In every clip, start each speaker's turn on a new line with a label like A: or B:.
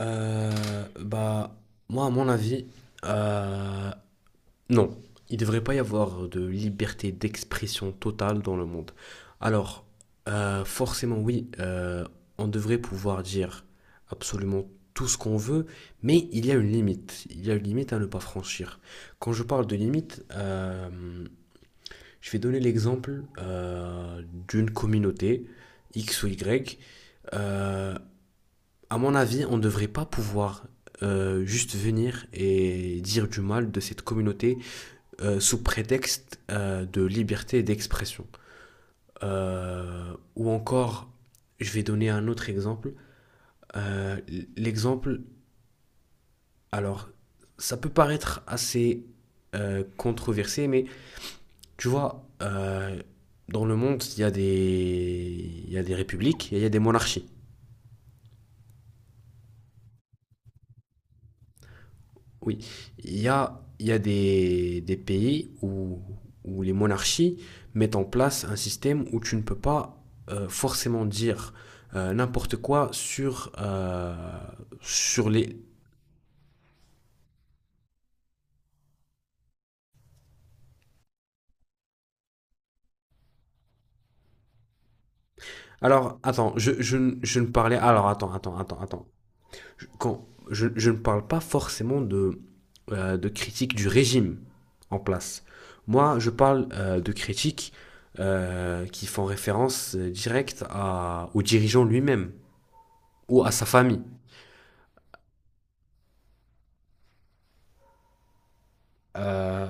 A: Euh, bah, moi, à mon avis, euh, non. Il ne devrait pas y avoir de liberté d'expression totale dans le monde. Alors, forcément, oui, on devrait pouvoir dire absolument tout ce qu'on veut, mais il y a une limite. Il y a une limite à ne pas franchir. Quand je parle de limite, je vais donner l'exemple d'une communauté, X ou Y. Euh, à mon avis, on ne devrait pas pouvoir juste venir et dire du mal de cette communauté sous prétexte de liberté d'expression. Ou encore, je vais donner un autre exemple. Euh, L'exemple, alors, ça peut paraître assez controversé, mais tu vois, dans le monde, il y a des républiques et il y a des monarchies. Oui, il y a des pays où les monarchies mettent en place un système où tu ne peux pas forcément dire n'importe quoi sur les. Alors, attends, je ne parlais. Alors, attends, attends, attends, attends. Quand je ne parle pas forcément de critique du régime en place. Moi, je parle de critiques qui font référence directe au dirigeant lui-même ou à sa famille. Euh,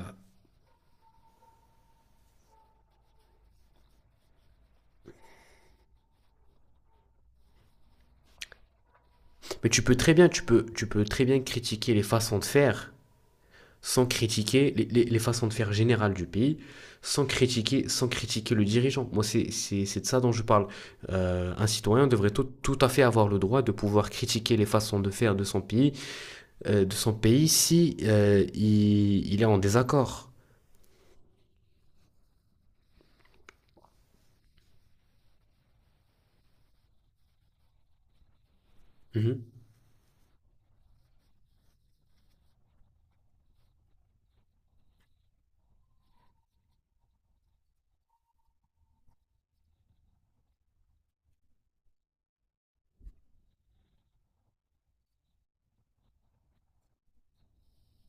A: mais tu peux très bien critiquer les façons de faire sans critiquer les façons de faire générales du pays, sans critiquer le dirigeant. Moi, c'est de ça dont je parle. Un citoyen devrait tout à fait avoir le droit de pouvoir critiquer les façons de faire de son pays si il est en désaccord. Mhm,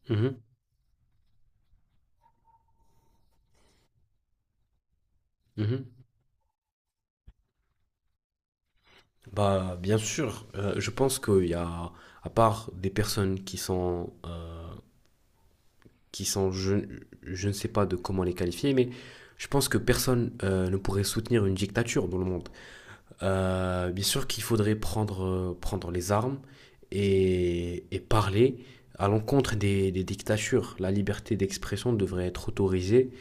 A: mhm, mhm. Bah, bien sûr, je pense qu'il y a, à part des personnes qui sont, je ne sais pas de comment les qualifier, mais je pense que personne ne pourrait soutenir une dictature dans le monde. Bien sûr qu'il faudrait prendre les armes et parler à l'encontre des dictatures. La liberté d'expression devrait être autorisée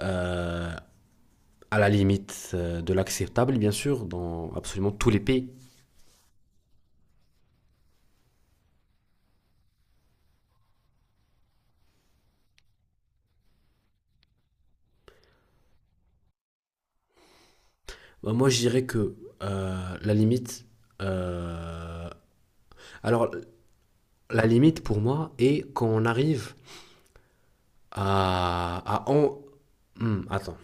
A: euh, à la limite de l'acceptable, bien sûr, dans absolument tous les pays. Bah, moi, je dirais que la limite. Euh, alors, la limite pour moi est quand on arrive. À, à en- attends.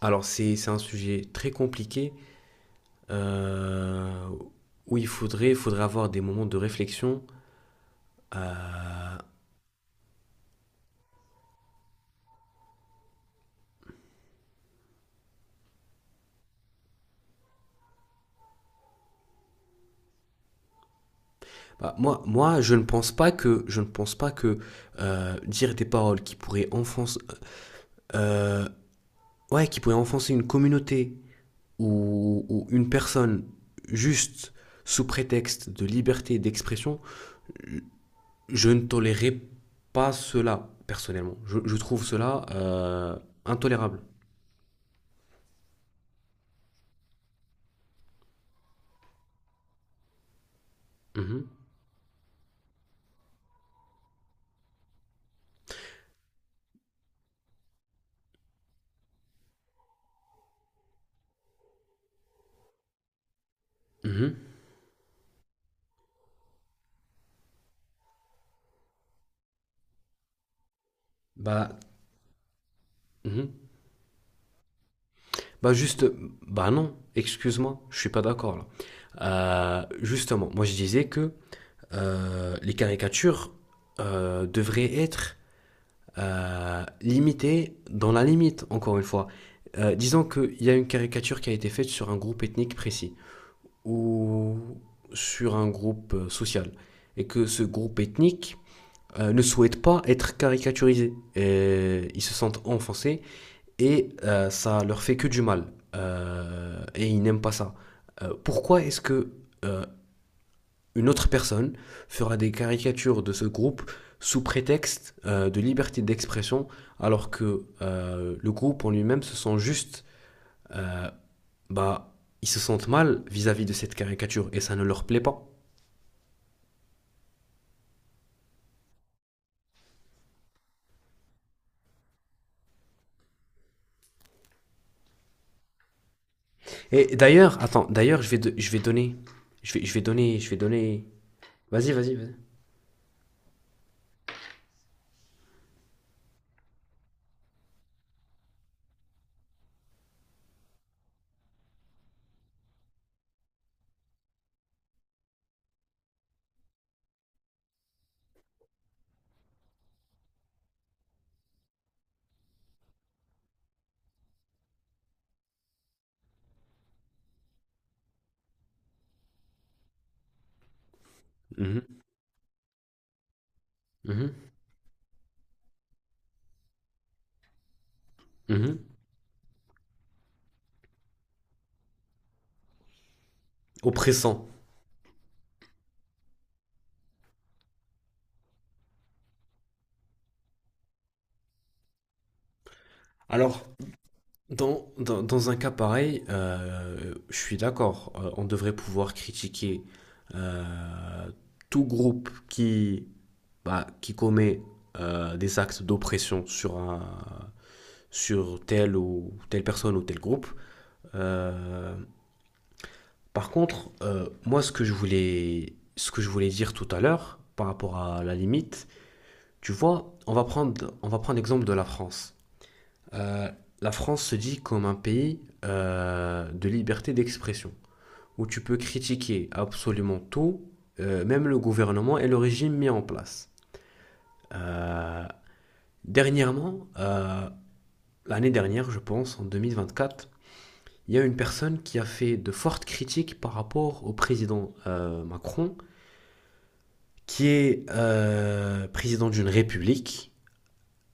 A: Alors, c'est un sujet très compliqué euh, où il faudrait avoir des moments de réflexion. euh, bah, moi, je ne pense pas que dire des paroles qui pourraient enfoncer, euh, ouais, qui pourraient enfoncer une communauté ou une personne juste sous prétexte de liberté d'expression. Je ne tolérerai pas cela, personnellement. Je trouve cela intolérable. Mhm, mhm. Bah, mhm. bah juste, bah non, excuse-moi, je suis pas d'accord là. Justement, moi je disais que les caricatures devraient être limitées dans la limite, encore une fois. Disons qu'il y a une caricature qui a été faite sur un groupe ethnique précis ou sur un groupe social et que ce groupe ethnique ne souhaite pas être caricaturisé. Et ils se sentent enfoncés et ça leur fait que du mal. Et ils n'aiment pas ça. Pourquoi est-ce que euh, une autre personne fera des caricatures de ce groupe sous prétexte de liberté d'expression alors que le groupe en lui-même se sent juste, euh, bah, ils se sentent mal vis-à-vis de cette caricature et ça ne leur plaît pas. Et d'ailleurs, attends, d'ailleurs, je vais donner. Je vais donner. Vas-y, vas-y, vas-y. Mhm, mhm, mhm. Oppressant. Alors, dans un cas pareil, je suis d'accord. On devrait pouvoir critiquer euh, tout groupe qui, bah, qui commet des actes d'oppression sur telle ou telle personne ou tel groupe. Euh, Par contre, moi, ce que je voulais dire tout à l'heure, par rapport à la limite, tu vois, on va prendre l'exemple de la France. Euh, la France se dit comme un pays de liberté d'expression, où tu peux critiquer absolument tout, même le gouvernement et le régime mis en place. Euh, dernièrement, l'année dernière, je pense, en 2024, il y a une personne qui a fait de fortes critiques par rapport au président Macron, qui est président d'une république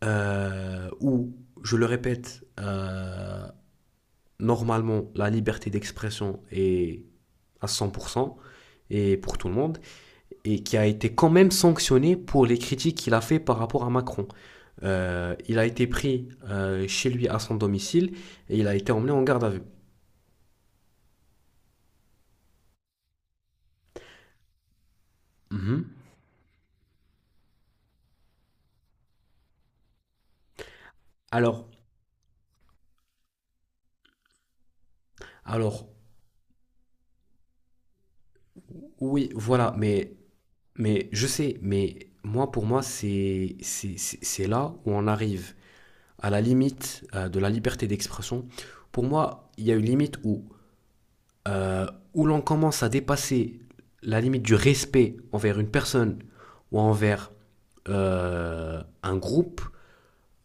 A: où, je le répète, normalement, la liberté d'expression est à 100% et pour tout le monde, et qui a été quand même sanctionné pour les critiques qu'il a fait par rapport à Macron. Il a été pris chez lui à son domicile et il a été emmené en garde à vue. Mhm. Alors, alors, oui, voilà, Mais je sais, mais moi, pour moi, c'est là où on arrive à la limite de la liberté d'expression. Pour moi, il y a une limite euh, où l'on commence à dépasser la limite du respect envers une personne ou envers un groupe.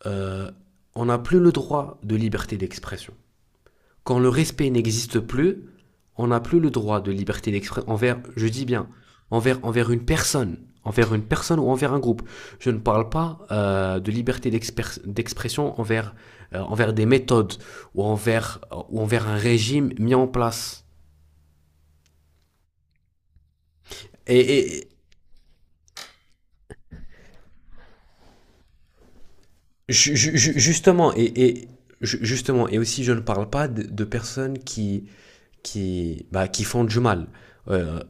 A: euh, on n'a plus le droit de liberté d'expression. Quand le respect n'existe plus, on n'a plus le droit de liberté d'expression envers, je dis bien, envers une personne, ou envers un groupe. Je ne parle pas de liberté d'expression envers des méthodes ou ou envers un régime mis en place. Et ju- ju- justement, et, et justement, et aussi je ne parle pas de personnes qui, bah, qui font du mal. Euh,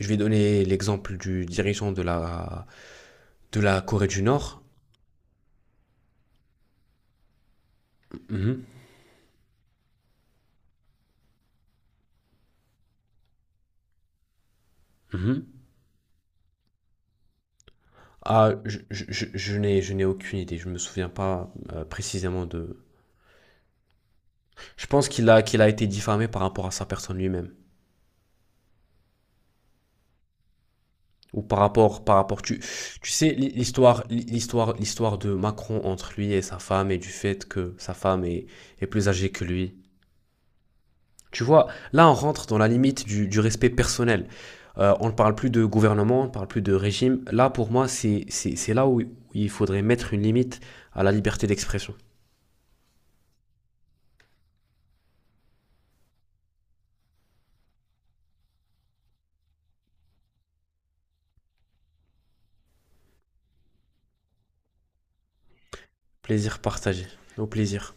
A: je vais donner l'exemple du dirigeant de la Corée du Nord. Mhm, mhm. Ah, je n'ai aucune idée. Je me souviens pas précisément de. Je pense qu'il a été diffamé par rapport à sa personne lui-même. Ou par rapport. Tu sais, l'histoire de Macron entre lui et sa femme et du fait que sa femme est plus âgée que lui. Tu vois, là, on rentre dans la limite du respect personnel. On ne parle plus de gouvernement, on ne parle plus de régime. Là, pour moi, c'est là où il faudrait mettre une limite à la liberté d'expression. Plaisir partagé. Au plaisir.